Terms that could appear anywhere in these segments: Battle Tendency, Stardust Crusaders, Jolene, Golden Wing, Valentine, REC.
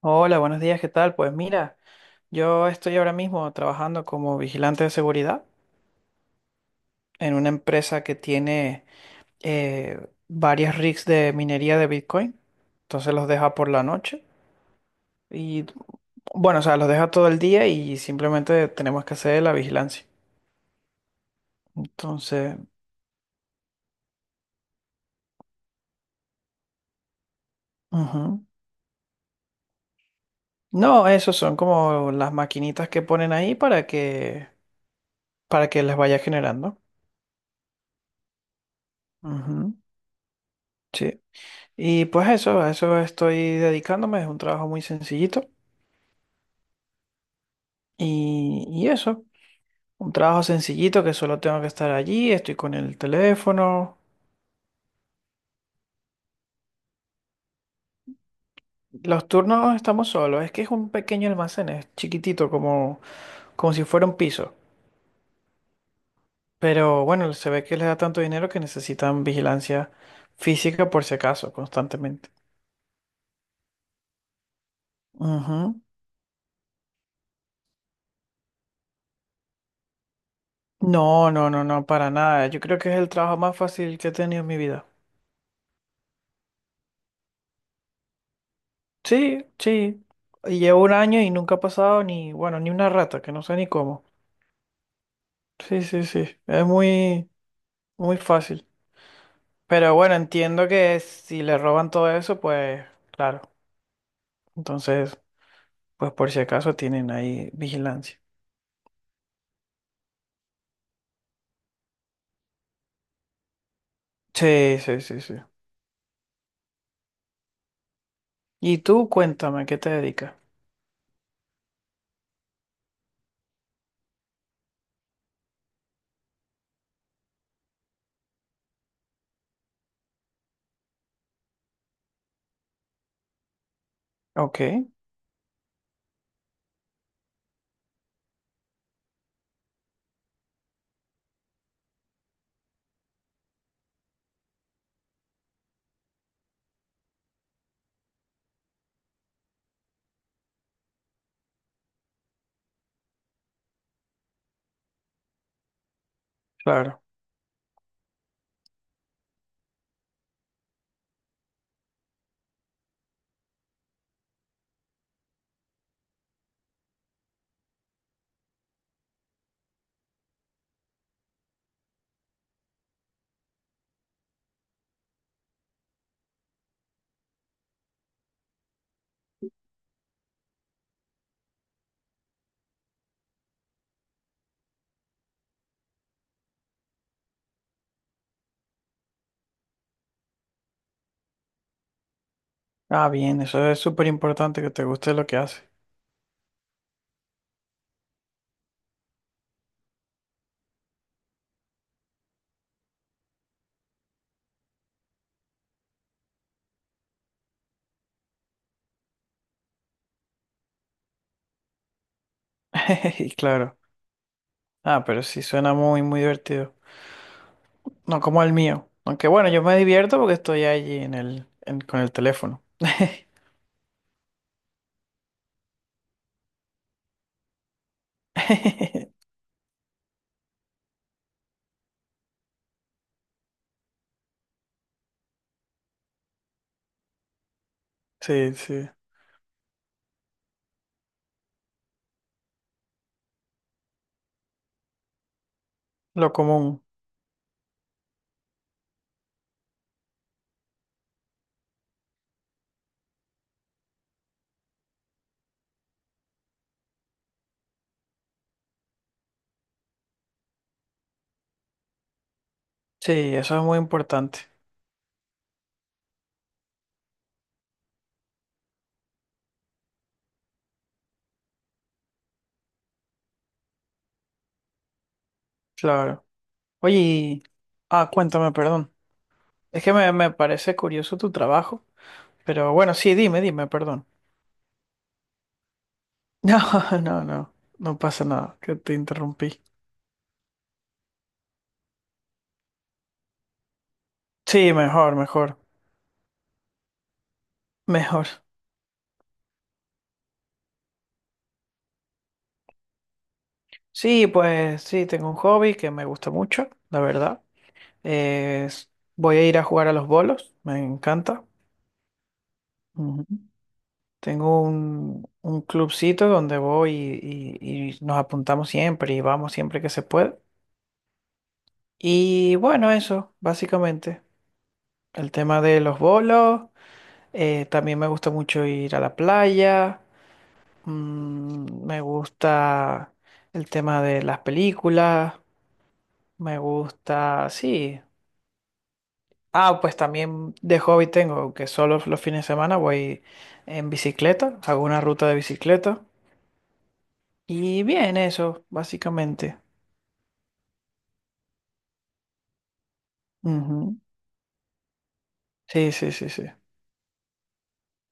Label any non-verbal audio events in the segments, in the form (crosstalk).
Hola, buenos días, ¿qué tal? Pues mira, yo estoy ahora mismo trabajando como vigilante de seguridad en una empresa que tiene eh, varias rigs de minería de Bitcoin. Entonces los deja por la noche y bueno, o sea, los deja todo el día y simplemente tenemos que hacer la vigilancia. Entonces, ujú. No, esos son como las maquinitas que ponen ahí para que les vaya generando. Ujú, sí. Y pues eso, a eso estoy dedicándome, es un trabajo muy sencillito. Y eso, un trabajo sencillito que solo tengo que estar allí, estoy con el teléfono. Los turnos estamos solos, es que es un pequeño almacén, es chiquitito, como, como si fuera un piso. Pero bueno, se ve que les da tanto dinero que necesitan vigilancia física por si acaso, constantemente. Ujú. No, no, no, no, para nada. Yo creo que es el trabajo más fácil que he tenido en mi vida. Sí, sí. Y llevo un año y nunca ha pasado ni, bueno, ni una rata, que no sé ni cómo. Sí, sí, sí. Es muy, muy fácil. Pero bueno, entiendo que si le roban todo eso, pues, claro. Entonces, pues por si acaso tienen ahí vigilancia. Sí, sí, sí, sí. Y tú, cuéntame, ¿a ¿qué te dedicas? Ok, claro. Ah, bien, eso es súper importante que te guste lo que haces. (laughs) Claro. Ah, pero sí suena muy, muy divertido. No como el mío. Aunque bueno, yo me divierto porque estoy allí en con el teléfono. (laughs) Sí, sí. Lo común. Sí, eso es muy importante. Claro. Oye, y- ah, cuéntame, perdón. Es que me parece curioso tu trabajo. Pero bueno, sí, dime, dime, perdón. (laughs) No, no, no. No pasa nada, que te interrumpí. Sí, mejor, mejor, mejor. Sí, pues sí, tengo un hobby que me gusta mucho, la verdad. Eh, s- voy a ir a jugar a los bolos, me encanta. Ujú. Tengo un clubcito donde voy y nos apuntamos siempre y vamos siempre que se puede. Y bueno, eso, básicamente. El tema de los bolos, también me gusta mucho ir a la playa, mm, me gusta el tema de las películas, me gusta, sí. Ah, pues también de hobby tengo que solo los fines de semana voy en bicicleta, hago una ruta de bicicleta y bien eso, básicamente. Ujú. Sí, sí, sí, sí.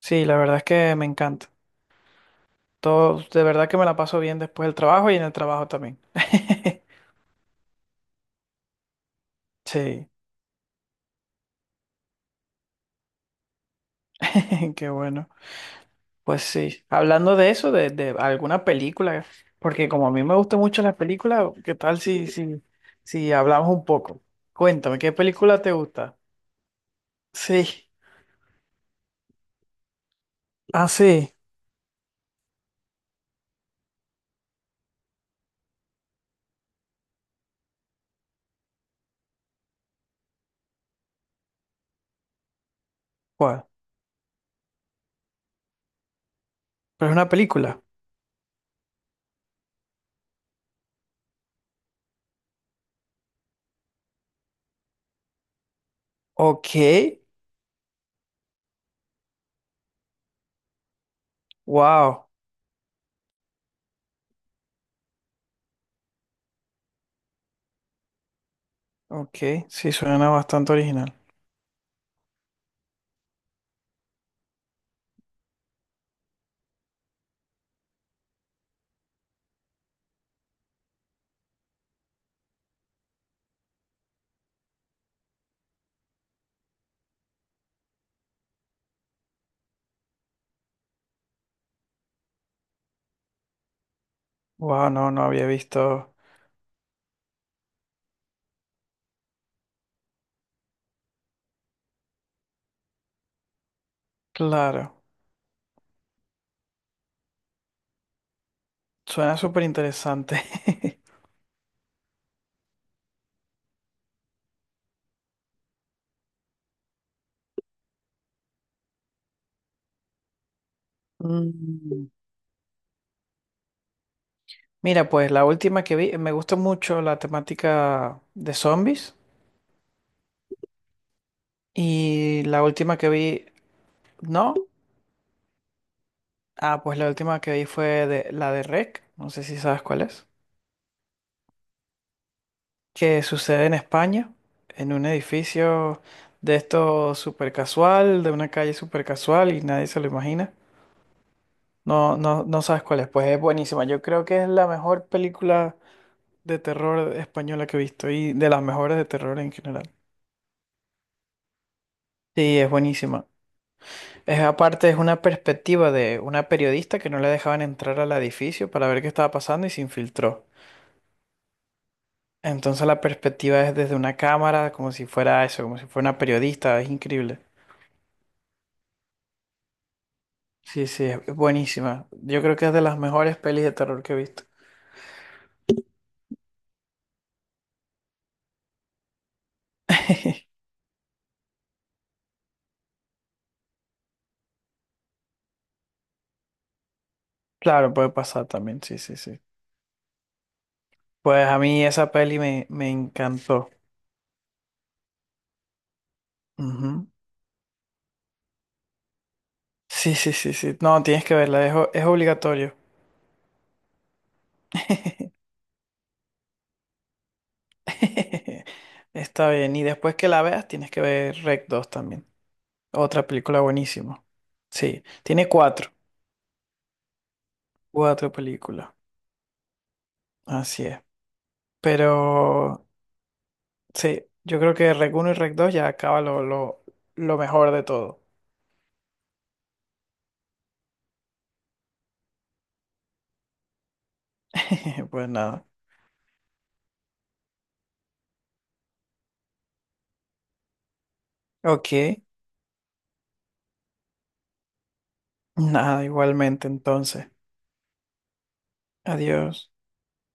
Sí, la verdad es que me encanta. Todo, de verdad que me la paso bien después del trabajo y en el trabajo también. (laughs) Sí, (laughs) qué bueno. Pues sí, hablando de eso, de alguna película, porque como a mí me gustan mucho las películas, ¿qué tal si hablamos un poco? Cuéntame, ¿qué película te gusta? Sí. Ah, sí. ¿Cuál? Pero es una película. Ok. Wow. Ok. Sí, suena bastante original. Wow, no, no había visto. Claro. Suena súper interesante. (laughs) Mm. Mira, pues la última que vi, me gustó mucho la temática de zombies. Y la última que vi, no. Ah, pues la última que vi fue de, la de REC. No sé si sabes cuál es. Que sucede en España, en un edificio de esto súper casual, de una calle súper casual y nadie se lo imagina. No, no, no sabes cuál es, pues es buenísima. Yo creo que es la mejor película de terror española que he visto y de las mejores de terror en general. Sí, es buenísima. Es aparte, es una perspectiva de una periodista que no le dejaban entrar al edificio para ver qué estaba pasando y se infiltró. Entonces la perspectiva es desde una cámara, como si fuera eso, como si fuera una periodista, es increíble. Sí, sí, es buenísima. Yo creo que es de las mejores pelis de terror que he visto. (laughs) Claro, puede pasar también, sí, sí, sí. Pues a mí esa peli me encantó. Ujú. Sí, sí, sí, sí. No, tienes que verla, es obligatorio. (laughs) Está bien, y después que la veas tienes que ver Rec 2 también. Otra película buenísima. Sí, tiene cuatro, cuatro películas. Así es. Pero sí, yo creo que Rec uno y Rec 2 ya acaba lo mejor de todo. (laughs) Pues nada. Ok. Nada, igualmente entonces. Adiós.